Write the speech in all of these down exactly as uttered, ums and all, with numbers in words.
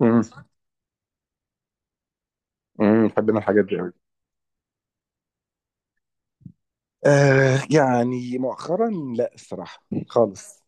امم امم بحب انا الحاجات دي قوي. آه، يعني مؤخرا. لا الصراحه، خالص.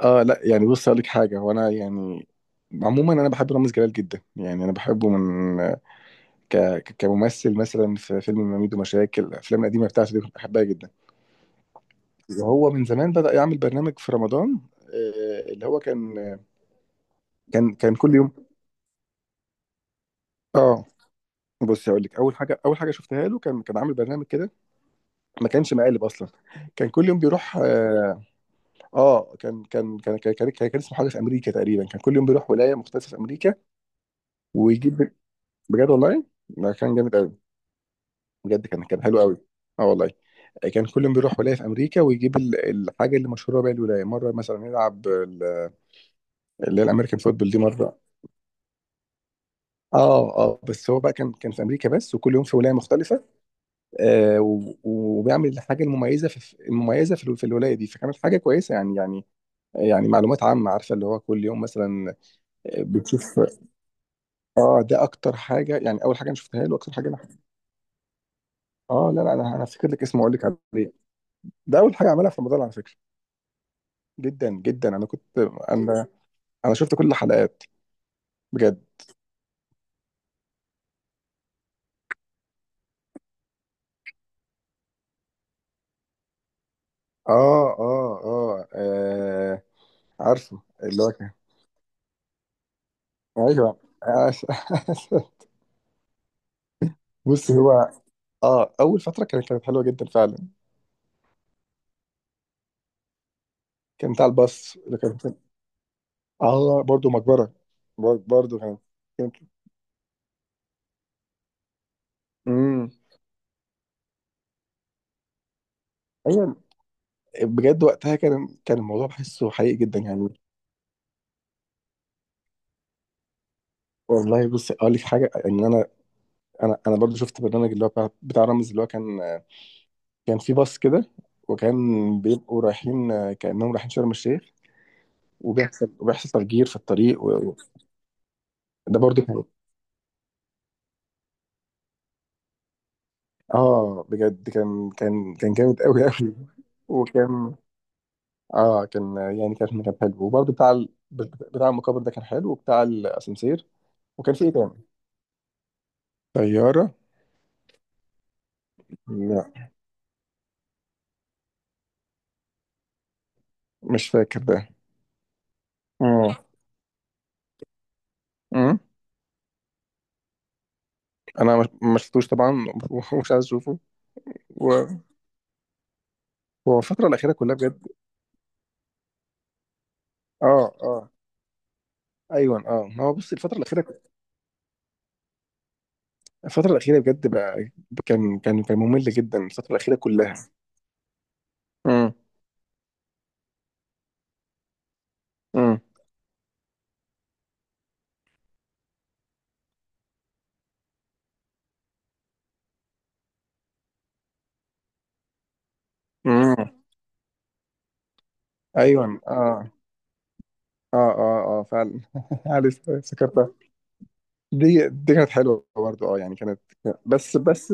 اه، لا يعني بص اقول لك حاجه، هو انا يعني عموما انا بحب رامز جلال جدا، يعني انا بحبه من ك... ك- كممثل، مثلا في فيلم ميدو مشاكل. الافلام القديمه بتاعته دي كنت بحبها جدا. وهو من زمان بدأ يعمل برنامج في رمضان. آه اللي هو كان كان كان كل يوم. اه، بص هقول لك اول حاجه، اول حاجه شفتها له، كان كان عامل برنامج كده، ما كانش مقالب اصلا. كان كل يوم بيروح. آه. اه كان كان كان كان كان, كان اسمه حاجه في امريكا تقريبا. كان كل يوم بيروح ولايه مختلفه في امريكا ويجيب. بجد والله، ده كان جامد قوي. بجد كان كان حلو قوي. اه والله. كان كل يوم بيروح ولايه في امريكا ويجيب ال- الحاجه اللي مشهوره بيها الولايه. مره مثلا يلعب ال- اللي هي الامريكان فوتبول دي. مره، اه اه، بس هو بقى كان كان في امريكا بس، وكل يوم في ولايه مختلفه. آه و- وبيعمل الحاجه المميزه في المميزه في ال- في الولايه دي، فكانت حاجه كويسه يعني. يعني يعني معلومات عامه، عارفه اللي هو كل يوم مثلا بتشوف. اه، ده اكتر حاجه يعني، اول حاجه انا شفتها له، اكتر حاجه انا. اه لا لا، انا انا هفتكر لك اسمه واقول لك عليه. ده اول حاجه عملها في رمضان على فكره. جدا جدا انا كنت، انا انا شفت كل الحلقات بجد. اه اه اه، آه، عارفه اللي هو كان. ايوه، عارف- بص هو، اه اول فتره كانت كانت حلوه جدا فعلا. كان بتاع الباص اللي كان. اه، برضه مقبره. بر- برضه كان. كان. امم. ايوه، بجد وقتها كان كان الموضوع بحسه حقيقي جدا يعني. والله بص اقول لك حاجه، ان انا انا انا برضو شفت برنامج اللي هو بتاع, بتاع رامز اللي هو كان. كان في باص كده، وكان بيبقوا رايحين، كانهم رايحين شرم الشيخ، وبيحصل وبيحصل تفجير في الطريق و- وده برضو كان. اه بجد كان كان كان جامد قوي قوي. وكان اه كان يعني كان كان حلو، وبرضو بتاع ال- بتاع المقابر ده كان حلو، وبتاع الاسانسير. وكان في ايه تاني؟ طياره. لا، مش فاكر ده. امم. أمم. انا ما ما شفتوش طبعا ومش عايز اشوفه. و- هو الفترة الأخيرة كلها بجد. اه اه، ايوه اه، ما هو بص، الفترة الأخيرة، الفترة الأخيرة بجد بقى، كان كان كان ممل جدا الفترة الأخيرة كلها. امم امم امم، ايوه اه اه اه اه، فعلا عارف افتكرتها. دي دي كانت حلوة برضه، اه يعني كانت. بس بس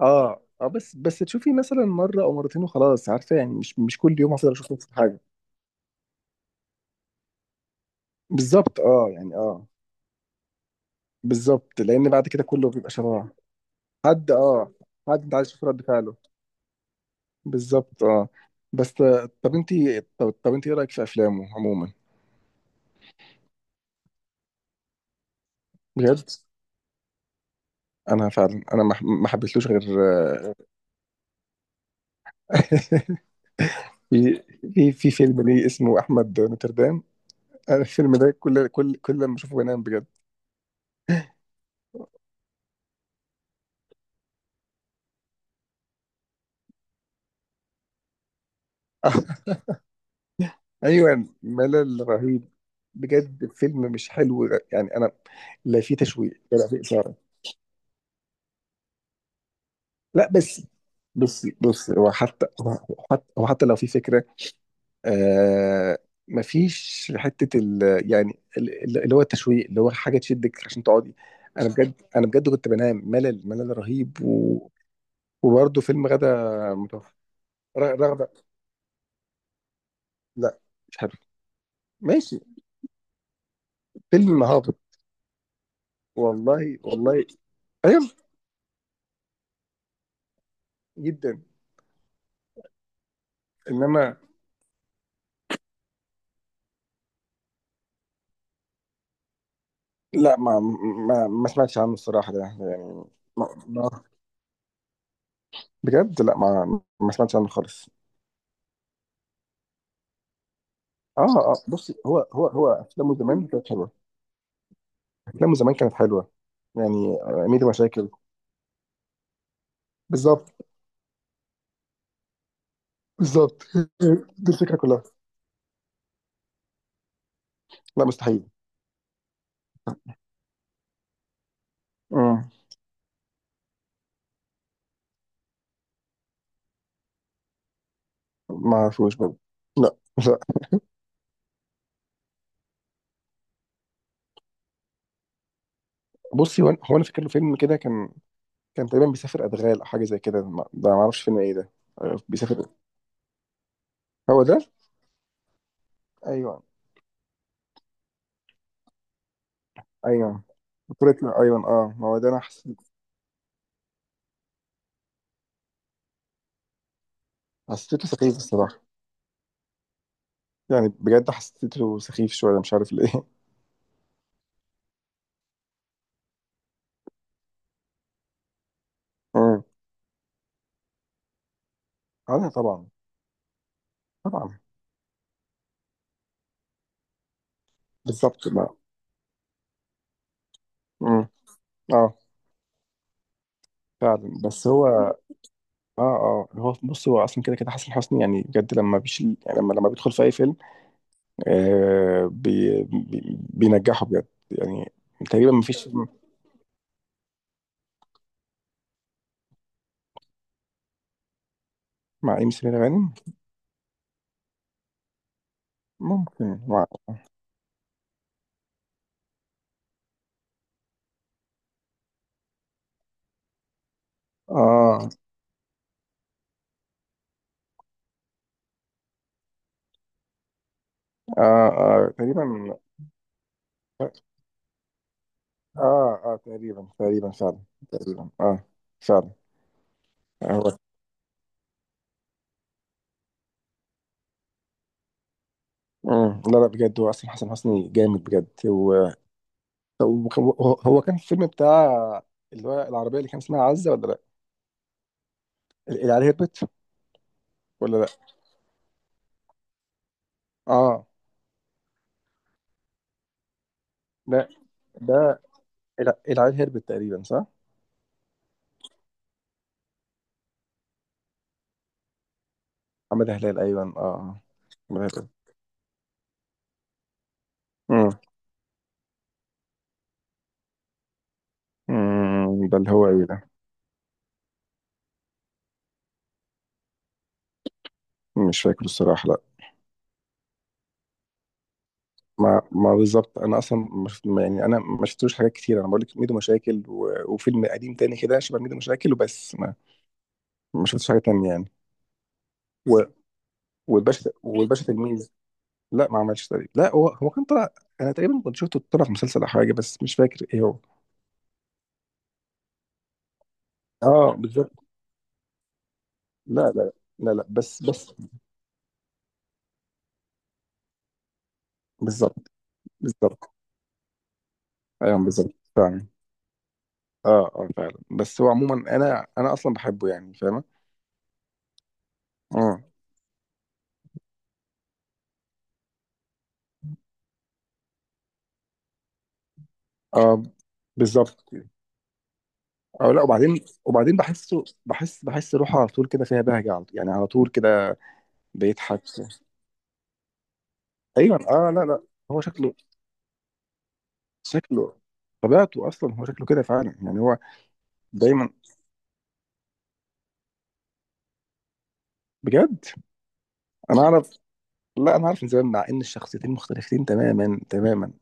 اه اه بس بس تشوفي مثلا مرة أو مرتين وخلاص، عارفة يعني، مش مش كل يوم هفضل أشوف نفس الحاجة. بالظبط اه، يعني اه بالظبط، لأن بعد كده كله بيبقى شبه بعض. حد اه، حد انت عايز تشوف رد فعله. بالظبط اه. بس، آه، طب انت، طب, طب انت ايه رايك في افلامه عموما؟ بجد. انا فعلا انا ما ما حبيتلوش غير آه، في في في فيلم ليه اسمه احمد نوتردام. أنا الفيلم ده كل كل كل لما اشوفه بنام بجد ايوه، ملل رهيب. بجد فيلم مش حلو، يعني انا، لا في تشويق ولا في اثاره. لا بس، بص بص هو حتى هو حتى هو حتى لو في فكره، آه مفيش حته ال-، يعني ال- اللي هو التشويق، اللي هو حاجه تشدك عشان تقعدي. انا بجد، انا بجد كنت بنام، ملل ملل رهيب و... وبرضه فيلم غدا متوفر. ر- رغده. لا مش حلو. ماشي. فيلم هابط. والله والله. ايوه جدا. انما، لا ما ما, ما سمعتش عنه الصراحه ده يعني. ما... ما... بجد لا، ما ما سمعتش عنه خالص. اه اه، بصي هو هو هو افلامه زمان كانت حلوه. افلامه زمان كانت حلوه، يعني آه، ميدو مشاكل. بالظبط، بالظبط دي الفكره كلها. لا مستحيل. مم. ما اعرفوش برضه. لا لا. بصي هو، أنا- هو انا فاكر له فيلم كده، كان كان تقريبا بيسافر ادغال او حاجه زي كده، ما- ده ما اعرفش فيلم ايه ده. آه، بيسافر. هو ده. ايوه، ايوه، بطولة. ايوه اه، ما هو ده انا حسيت حسيته سخيف الصراحه. يعني بجد حسيته سخيف شويه، مش عارف ليه. امم. اه، لا طبعا طبعا. بالظبط ما. امم. اه فعلا، بس هو اه اه، هو بص، هو اصلا كده كده. حسن حسني يعني بجد لما بيشيل، يعني لما لما بيدخل في اي فيلم، آه بي بي بينجحه بجد يعني. تقريبا ما فيش. مع ام سمير غانم. ممكن مع، اه اه اه تقريبا، اه اه تقريبا تقريبا فعلا. تقريبا اه. فعلا. هو، مم. لا لا، بجد، هو اصلا حسن حسني جامد بجد. هو هو هو كان في الفيلم بتاع، اللي هو العربيه اللي كان اسمها عزه ولا لا؟ اللي عليها هربت ولا لا؟ اه لا، ده الع- العيل هربت تقريبا صح؟ حماده هلال، ايوه اه، آه. حماده هلال. مم. مم. ده اللي هو ايه ده؟ مش فاكر الصراحه لا. ما ما بالظبط، انا اصلا مش ما- يعني انا ما شفتوش حاجات كتير. انا بقول لك ميدو مشاكل و... وفيلم قديم تاني كده شبه ميدو مشاكل وبس، ما ما شفتش حاجه تانية يعني. و... والباشا والباشا تلميذ. لا ما عملش تقريبا، لا. هو هو كان طلع، انا تقريبا كنت شفته طلع في مسلسل او حاجه، بس مش فاكر ايه هو. اه بالظبط. لا لا لا لا. بس بس بالظبط بالظبط. ايوه بالظبط فعلا. اه اه فعلا، بس هو عموما انا انا اصلا بحبه يعني فاهمه. اه اه بالظبط كده. اه لا، وبعدين وبعدين بحسه بحس بحس روحه على طول كده، فيها بهجه على طول، يعني على طول كده. بيضحك، ايوه اه. لا لا، هو شكله، شكله طبيعته اصلا، هو شكله كده فعلا يعني، هو دايما. بجد، انا اعرف. لا، انا عارف من زمان، مع ان الشخصيتين مختلفتين تماما تماما.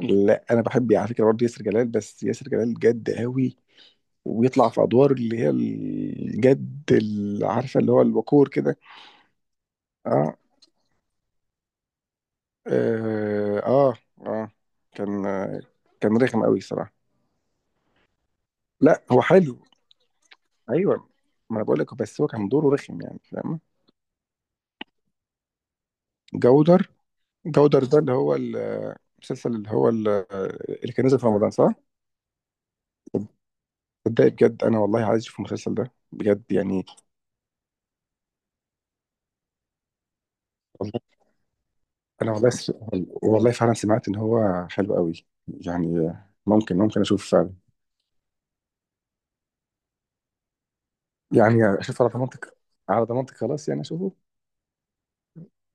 لا، انا بحب على فكره برضه ياسر جلال، بس ياسر جلال جد قوي، وبيطلع في ادوار اللي هي الجد، اللي عارفه اللي هو الوقور كده. اه اه اه، آه. كان آه، كان رخم قوي الصراحه. لا هو حلو، ايوه. ما انا بقول لك، بس هو كان دوره رخم يعني، فاهم. جودر. جودر ده اللي هو ال- المسلسل اللي هو ال- اللي كان نزل في رمضان صح؟ صدقني بجد، انا والله عايز اشوف المسلسل ده بجد يعني. والله. انا والله س... والله فعلا سمعت ان هو حلو قوي. يعني ممكن، ممكن اشوف. يعني اشوف على ضمانتك. على ضمانتك خلاص، يعني اشوفه.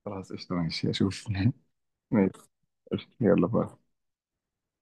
خلاص قشطة، ماشي أشوف ماشي. قشطة، يلا باي.